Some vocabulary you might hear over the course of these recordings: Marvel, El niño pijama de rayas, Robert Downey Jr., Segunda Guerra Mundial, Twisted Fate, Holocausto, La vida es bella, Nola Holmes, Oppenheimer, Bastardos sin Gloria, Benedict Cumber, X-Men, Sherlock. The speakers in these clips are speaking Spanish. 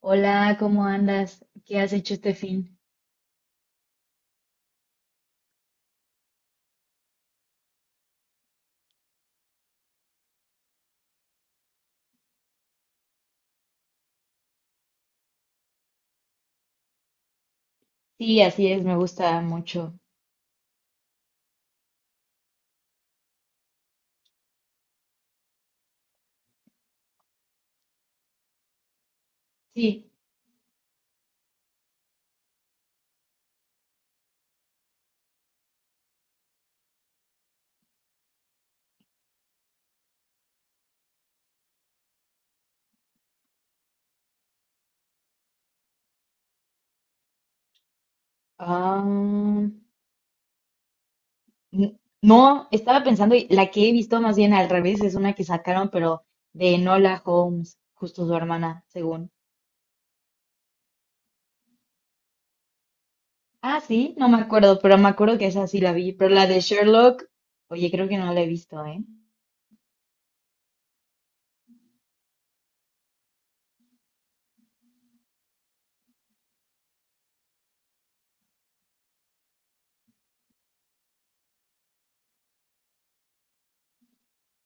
Hola, ¿cómo andas? ¿Qué has hecho este fin? Sí, así es, me gusta mucho. Sí. ah, no, estaba pensando, y la que he visto más bien al revés es una que sacaron, pero de Nola Holmes, justo su hermana, según. Ah, sí, no me acuerdo, pero me acuerdo que esa sí la vi. Pero la de Sherlock, oye, creo que no la he visto, ¿eh?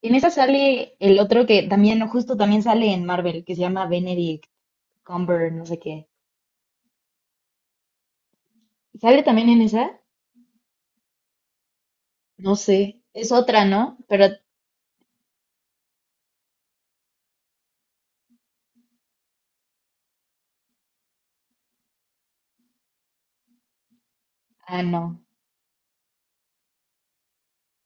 En esa sale el otro que también, justo también sale en Marvel, que se llama Benedict Cumber, no sé qué. ¿Sale también en esa? No sé, es otra, ¿no? Pero, ah, no.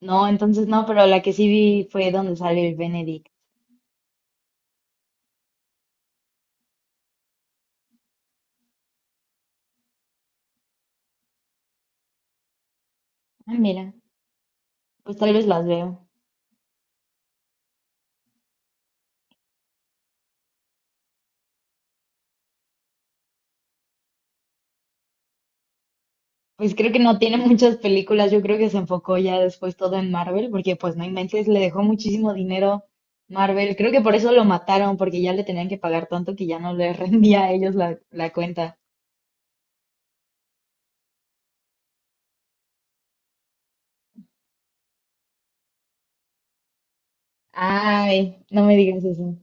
No, entonces no, pero la que sí vi fue donde sale el Benedict. Ah, mira, pues tal vez las veo. Pues creo que no tiene muchas películas, yo creo que se enfocó ya después todo en Marvel, porque pues no inventes, le dejó muchísimo dinero Marvel. Creo que por eso lo mataron, porque ya le tenían que pagar tanto que ya no le rendía a ellos la cuenta. Ay, no me digas eso.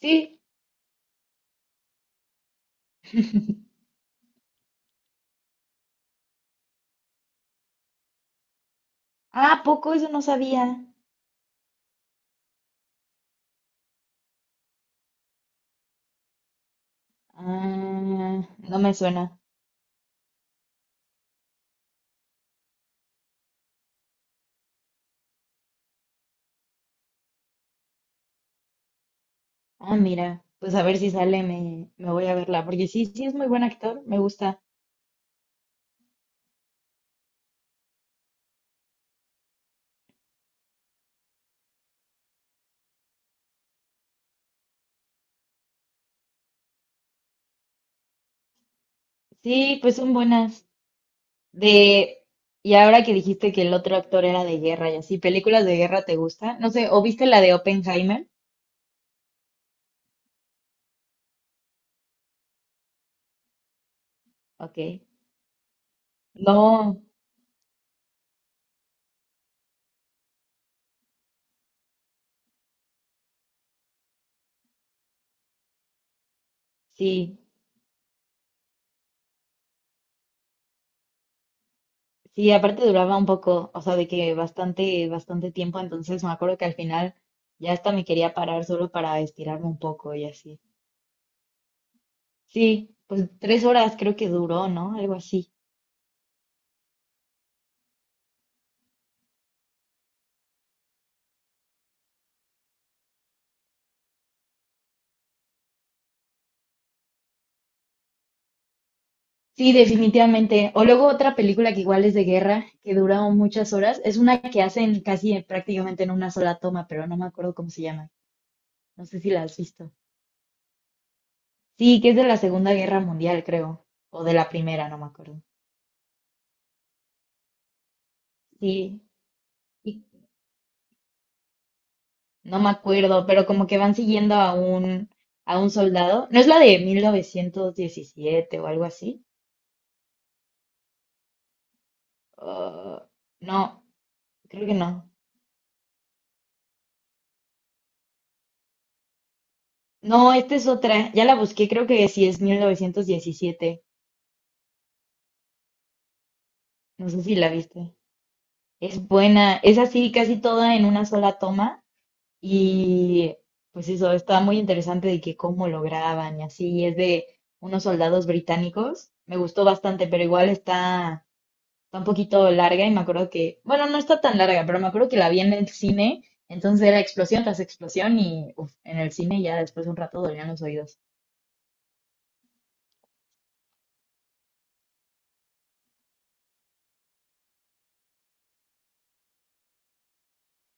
Sí. Ah, ¿a poco eso no sabía. Ah, no me suena. Ah, mira, pues a ver si sale, me voy a verla, porque sí, sí es muy buen actor, me gusta. Sí, pues son buenas. De, y ahora que dijiste que el otro actor era de guerra y así, ¿películas de guerra te gustan? No sé, ¿o viste la de Oppenheimer? Ok. No, sí, sí, aparte duraba un poco, o sea, de que bastante, bastante tiempo, entonces me acuerdo que al final ya hasta me quería parar solo para estirarme un poco y así. Sí, pues 3 horas creo que duró, ¿no? Algo así. Sí, definitivamente. O luego otra película que igual es de guerra, que dura muchas horas, es una que hacen prácticamente en una sola toma, pero no me acuerdo cómo se llama. No sé si la has visto. Sí, que es de la Segunda Guerra Mundial, creo, o de la Primera, no me acuerdo. Sí, y no me acuerdo, pero como que van siguiendo a un soldado. ¿No es la de 1917 o algo así? Ah, no, creo que no. No, esta es otra. Ya la busqué, creo que sí es 1917. No sé si la viste. Es buena, es así casi toda en una sola toma y pues eso, está muy interesante de que cómo lo graban y así, y es de unos soldados británicos, me gustó bastante, pero igual está, está un poquito larga y me acuerdo que, bueno, no está tan larga, pero me acuerdo que la vi en el cine, entonces era explosión tras explosión y uf, en el cine ya después de un rato dolían los oídos.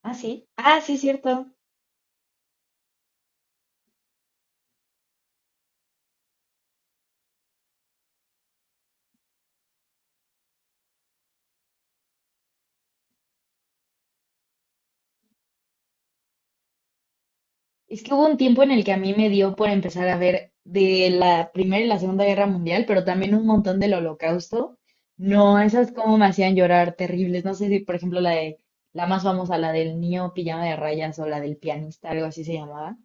Ah, sí, ah, sí, cierto. Es que hubo un tiempo en el que a mí me dio por empezar a ver de la Primera y la Segunda Guerra Mundial, pero también un montón del Holocausto. No, esas como me hacían llorar terribles. No sé si, por ejemplo, la de la más famosa, la del niño pijama de rayas o la del pianista, algo así se llamaba.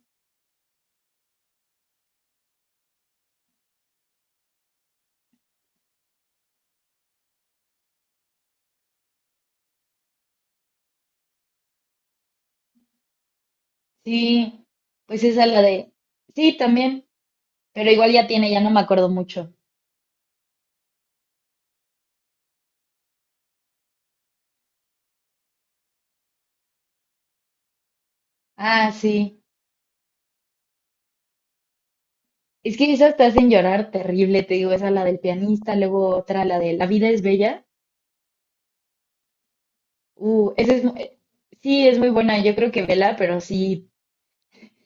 Sí, pues esa la de, sí, también, pero igual ya tiene, ya no me acuerdo mucho. Ah, sí. Es que esas te hacen llorar terrible, te digo, esa la del pianista, luego otra, la de La vida es bella. Uh, esa es, mu- eh, sí, es muy buena, yo creo que vela, pero sí.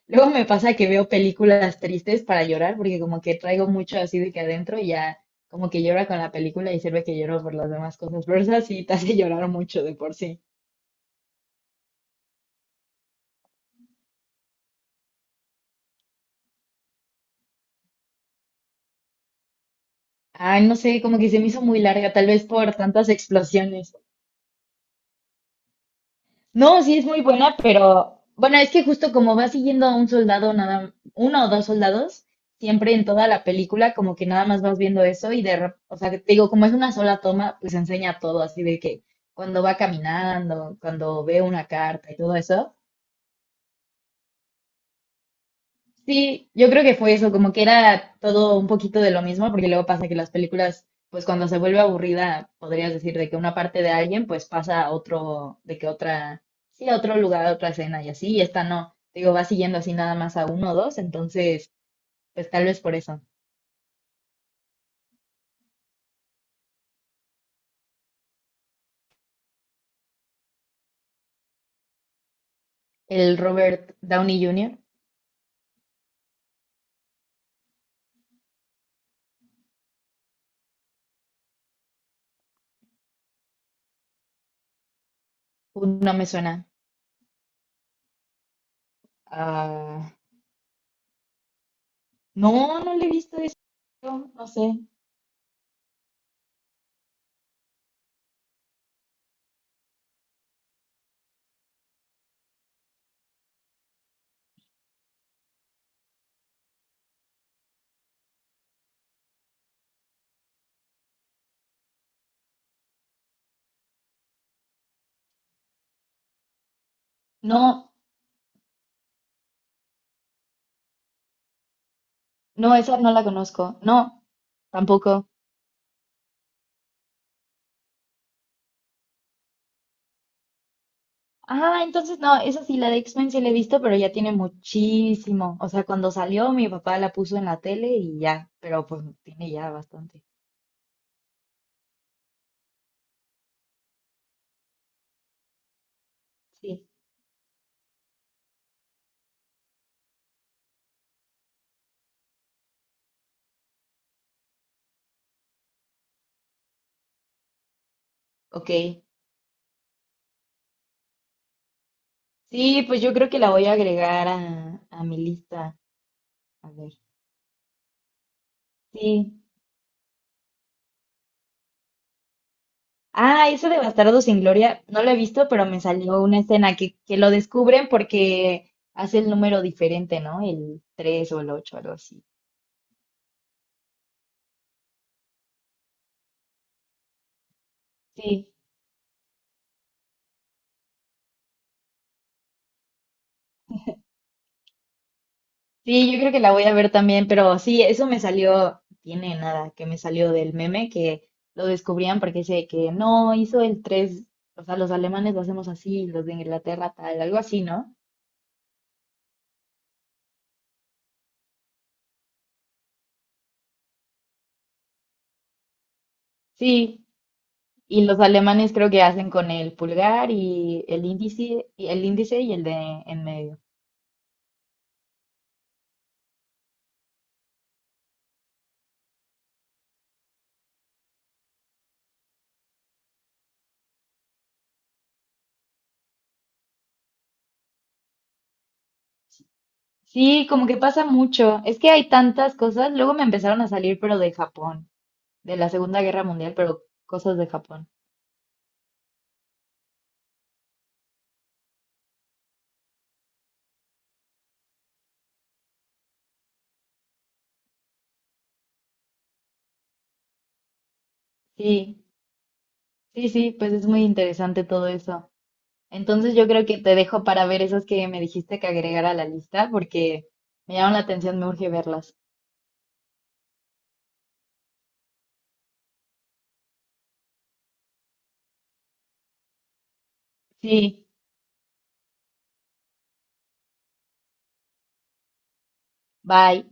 Luego me pasa que veo películas tristes para llorar, porque como que traigo mucho así de que adentro y ya como que llora con la película y sirve que lloro por las demás cosas. Pero esa sí te hace llorar mucho de por sí. Ay, no sé, como que se me hizo muy larga, tal vez por tantas explosiones. No, sí es muy buena, pero bueno, es que justo como va siguiendo a un soldado, nada, uno o dos soldados, siempre en toda la película, como que nada más vas viendo eso y de, o sea, que te digo, como es una sola toma, pues enseña todo, así de que cuando va caminando, cuando ve una carta y todo eso. Sí, yo creo que fue eso, como que era todo un poquito de lo mismo, porque luego pasa que las películas, pues cuando se vuelve aburrida, podrías decir de que una parte de alguien, pues pasa a otro, de que otra, sí, a otro lugar, a otra escena y así, y esta no, digo, va siguiendo así nada más a uno o dos, entonces, pues tal vez por eso. El Robert Downey Jr., no me suena. Ah, no, no le he visto eso, no sé. No, no, esa no la conozco. No, tampoco. Ah, entonces no, esa sí, la de X-Men sí la he visto, pero ya tiene muchísimo. O sea, cuando salió mi papá la puso en la tele y ya, pero pues tiene ya bastante. Sí, ok. Sí, pues yo creo que la voy a agregar a mi lista. A ver, sí. Ah, esa de Bastardos sin Gloria, no la he visto, pero me salió una escena que lo descubren porque hace el número diferente, ¿no? El 3 o el 8 algo así. Sí, sí, yo creo que la voy a ver también, pero sí, eso me salió, tiene nada, que me salió del meme que lo descubrían porque dice que no hizo el 3, o sea, los alemanes lo hacemos así, los de Inglaterra tal, algo así, ¿no? Sí, y los alemanes creo que hacen con el pulgar y el índice y el índice y el de en medio. Sí, como que pasa mucho. Es que hay tantas cosas, luego me empezaron a salir pero de Japón, de la Segunda Guerra Mundial, pero cosas de Japón. Sí, sí, sí, pues es muy interesante todo eso. Entonces yo creo que te dejo para ver esas que me dijiste que agregara a la lista porque me llaman la atención, me urge verlas. Sí, bye.